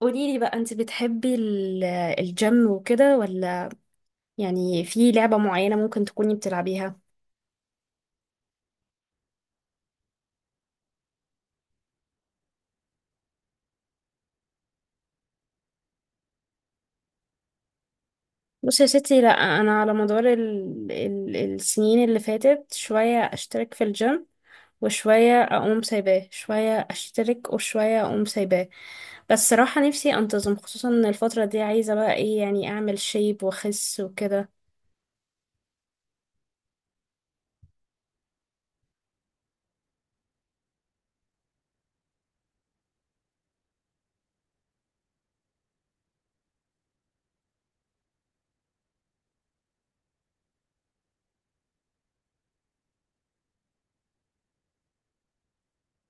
قولي لي بقى، انت بتحبي الجيم وكده، ولا يعني في لعبة معينة ممكن تكوني بتلعبيها؟ بصي يا ستي، لا، انا على مدار السنين اللي فاتت شوية اشترك في الجيم، وشوية اقوم سايباه، شوية اشترك وشوية اقوم سايباه. بس صراحة نفسي انتظم، خصوصا ان الفترة دي عايزة بقى ايه يعني، اعمل شيب واخس وكده.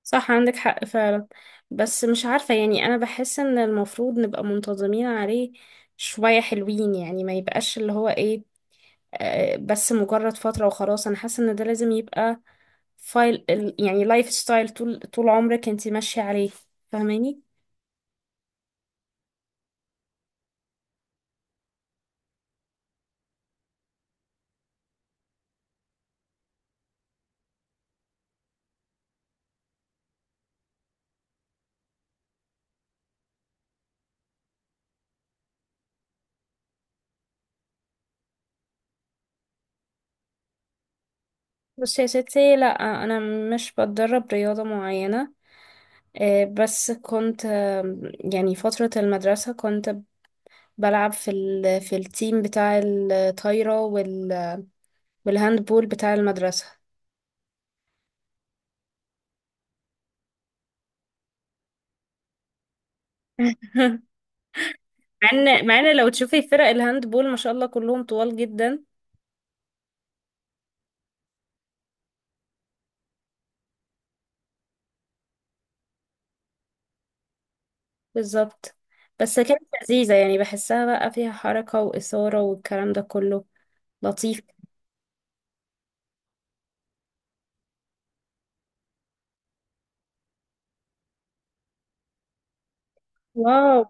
صح، عندك حق فعلا. بس مش عارفة، يعني أنا بحس إن المفروض نبقى منتظمين عليه شوية، حلوين يعني، ما يبقاش اللي هو إيه، بس مجرد فترة وخلاص. أنا حاسة إن ده لازم يبقى فايل لايف ستايل طول طول عمرك أنت ماشية عليه. فاهماني؟ بصي يا ستي، لأ، أنا مش بتدرب رياضة معينة. بس كنت يعني فترة المدرسة كنت بلعب في ال في التيم بتاع الطايرة، بالهاند بول بتاع المدرسة. مع ان لو تشوفي فرق الهاند بول ما شاء الله كلهم طوال جدا. بالظبط. بس كانت لذيذة يعني، بحسها بقى فيها حركة وإثارة والكلام ده كله. لطيف. واو.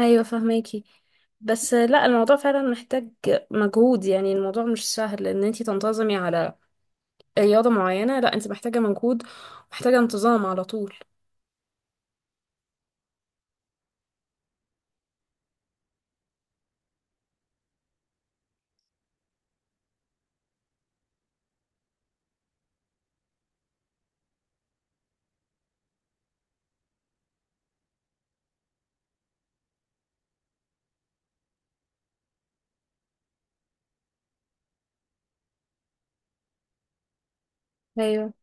ايوه فهماكي. بس لا، الموضوع فعلا محتاج مجهود، يعني الموضوع مش سهل ان انتي تنتظمي على رياضة معينة، لا، انت محتاجة مجهود، ومحتاجة انتظام على طول. ايوه.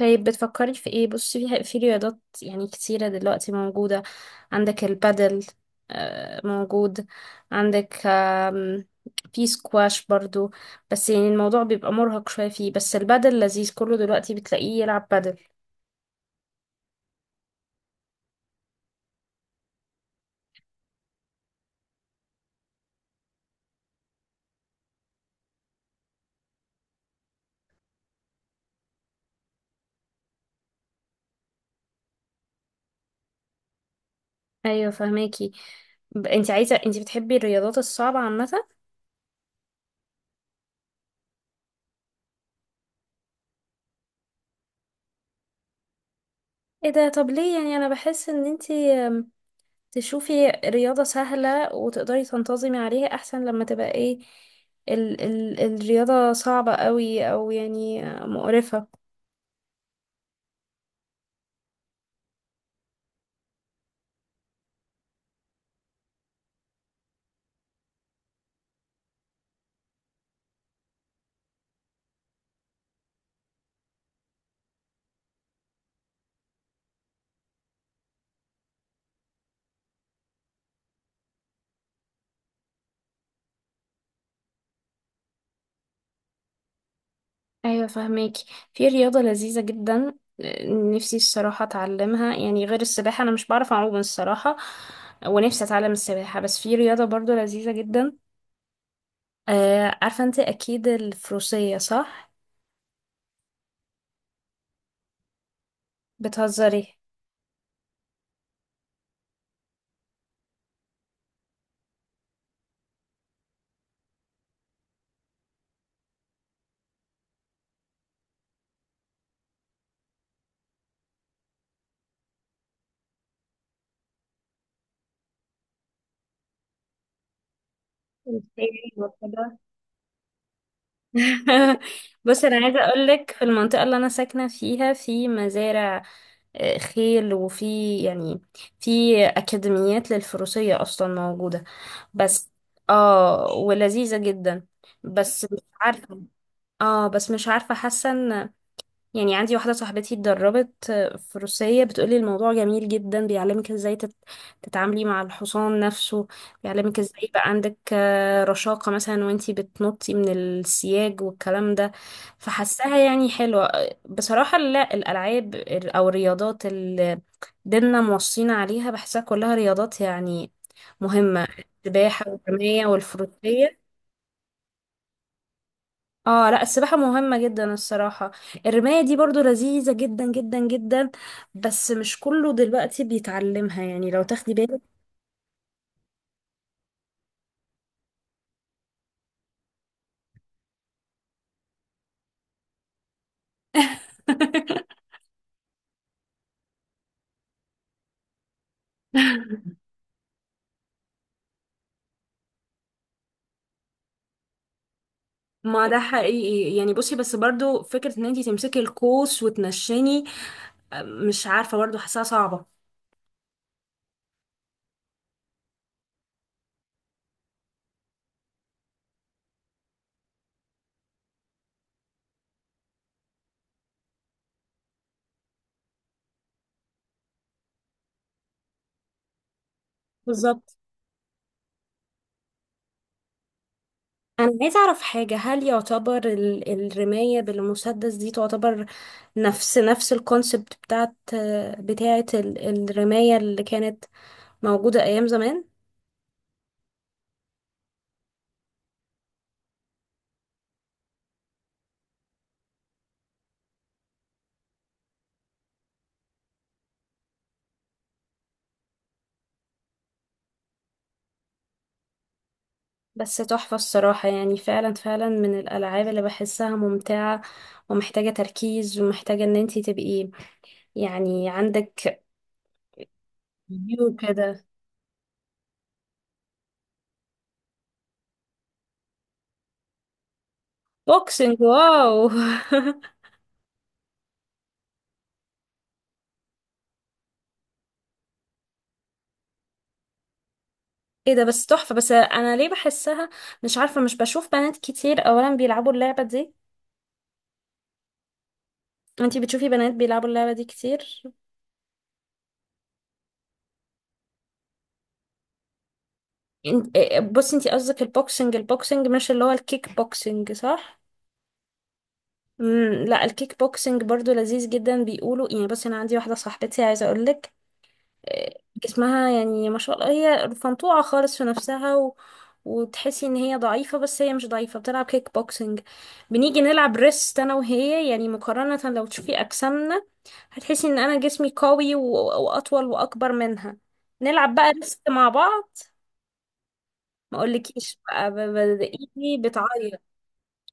طيب بتفكري في ايه؟ بصي، في في رياضات يعني كتيرة دلوقتي موجودة. عندك البادل، موجود، عندك في سكواش برضو، بس يعني الموضوع بيبقى مرهق شوية فيه، بس البادل لذيذ، كله دلوقتي بتلاقيه يلعب بادل. ايوه فهماكي. انت بتحبي الرياضات الصعبة عامة؟ ايه ده، طب ليه؟ يعني انا بحس ان انت تشوفي رياضة سهلة وتقدري تنتظمي عليها أحسن، لما تبقى ايه ال ال الرياضة صعبة قوي أو يعني مقرفة. ايوه فهماكي. في رياضة لذيذة جدا نفسي الصراحة اتعلمها، يعني غير السباحة، انا مش بعرف اعوم الصراحة، ونفسي اتعلم السباحة، بس في رياضة برضو لذيذة جدا. عارفة انت اكيد، الفروسية، صح؟ بتهزري؟ أوكي. بص، انا عايزه اقول لك، في المنطقه اللي انا ساكنه فيها في مزارع خيل، وفي يعني في اكاديميات للفروسيه اصلا موجوده. بس اه، ولذيذه جدا. بس مش عارفه، اه بس مش عارفه، حاسه ان يعني عندي واحدة صاحبتي اتدربت في روسية، بتقولي الموضوع جميل جدا، بيعلمك ازاي تتعاملي مع الحصان نفسه، بيعلمك ازاي يبقى عندك رشاقة مثلا، وانتي بتنطي من السياج والكلام ده. فحسها يعني حلوة. بصراحة لا، الألعاب أو الرياضات اللي ديننا موصينا عليها بحسها كلها رياضات يعني مهمة. السباحة والرماية والفروسية. اه لا، السباحة مهمة جدا الصراحة. الرماية دي برضو لذيذة جدا جدا جدا، بس مش كله دلوقتي بيتعلمها يعني، لو تاخدي بالك. ما ده حقيقي يعني. بصي، بس برضو فكرة ان انتي تمسكي القوس وتنشني، مش عارفة برضو، حاساها صعبة. بالظبط. انا عايزة اعرف حاجة، هل يعتبر الرماية بالمسدس دي تعتبر نفس نفس الكونسبت بتاعت الرماية اللي كانت موجودة ايام زمان؟ بس تحفة الصراحة، يعني فعلا فعلا من الألعاب اللي بحسها ممتعة، ومحتاجة تركيز، ومحتاجة ان انتي تبقي يعني عندك فيو كده. بوكسنج، واو. ايه ده، بس تحفة. بس انا ليه بحسها، مش عارفة، مش بشوف بنات كتير اولا بيلعبوا اللعبة دي. انتي بتشوفي بنات بيلعبوا اللعبة دي كتير؟ انت... بصي، انتي قصدك البوكسنج، مش اللي هو الكيك بوكسنج، صح؟ مم، لا، الكيك بوكسنج برضو لذيذ جدا بيقولوا يعني. بصي انا عندي واحده صاحبتي، عايزه اقول لك، جسمها يعني ما شاء الله، هي فنطوعة خالص في نفسها، وتحسي ان هي ضعيفة، بس هي مش ضعيفة، بتلعب كيك بوكسنج. بنيجي نلعب ريست انا وهي، يعني مقارنة لو تشوفي اجسامنا هتحسي ان انا جسمي قوي، واطول واكبر منها. نلعب بقى ريست مع بعض، ما اقولكيش بقى ايدي بتعيط.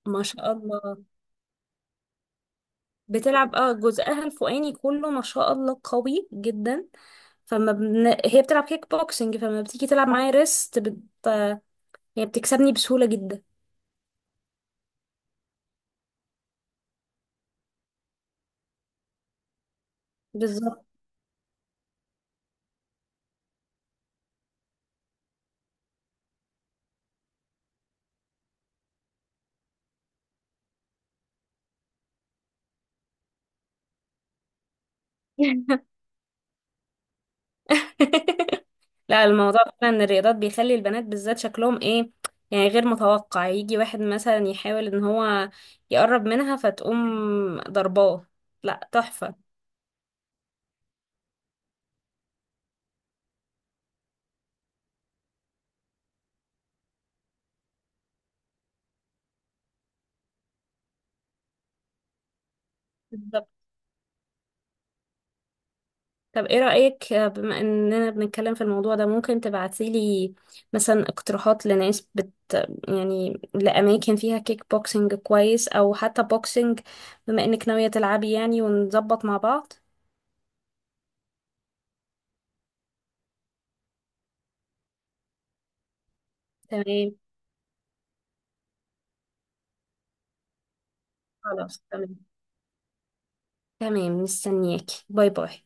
ما شاء الله. بتلعب، جزءها الفوقاني كله ما شاء الله قوي جدا، هي بتلعب كيك بوكسنج، فما بتيجي تلعب معايا ريست هي بتكسبني بسهولة جدا. بالظبط. لا، الموضوع فعلا ان الرياضات بيخلي البنات بالذات شكلهم ايه، يعني غير متوقع يجي واحد مثلا يحاول ان هو يقرب منها فتقوم ضرباه. لا، تحفة. بالظبط. طب ايه رأيك، بما اننا بنتكلم في الموضوع ده، ممكن تبعتيلي مثلا اقتراحات لناس بت يعني لأماكن فيها كيك بوكسنج كويس او حتى بوكسنج، بما انك ناوية تلعبي يعني، ونظبط مع بعض؟ تمام. خلاص تمام. تمام مستنياكي. باي باي.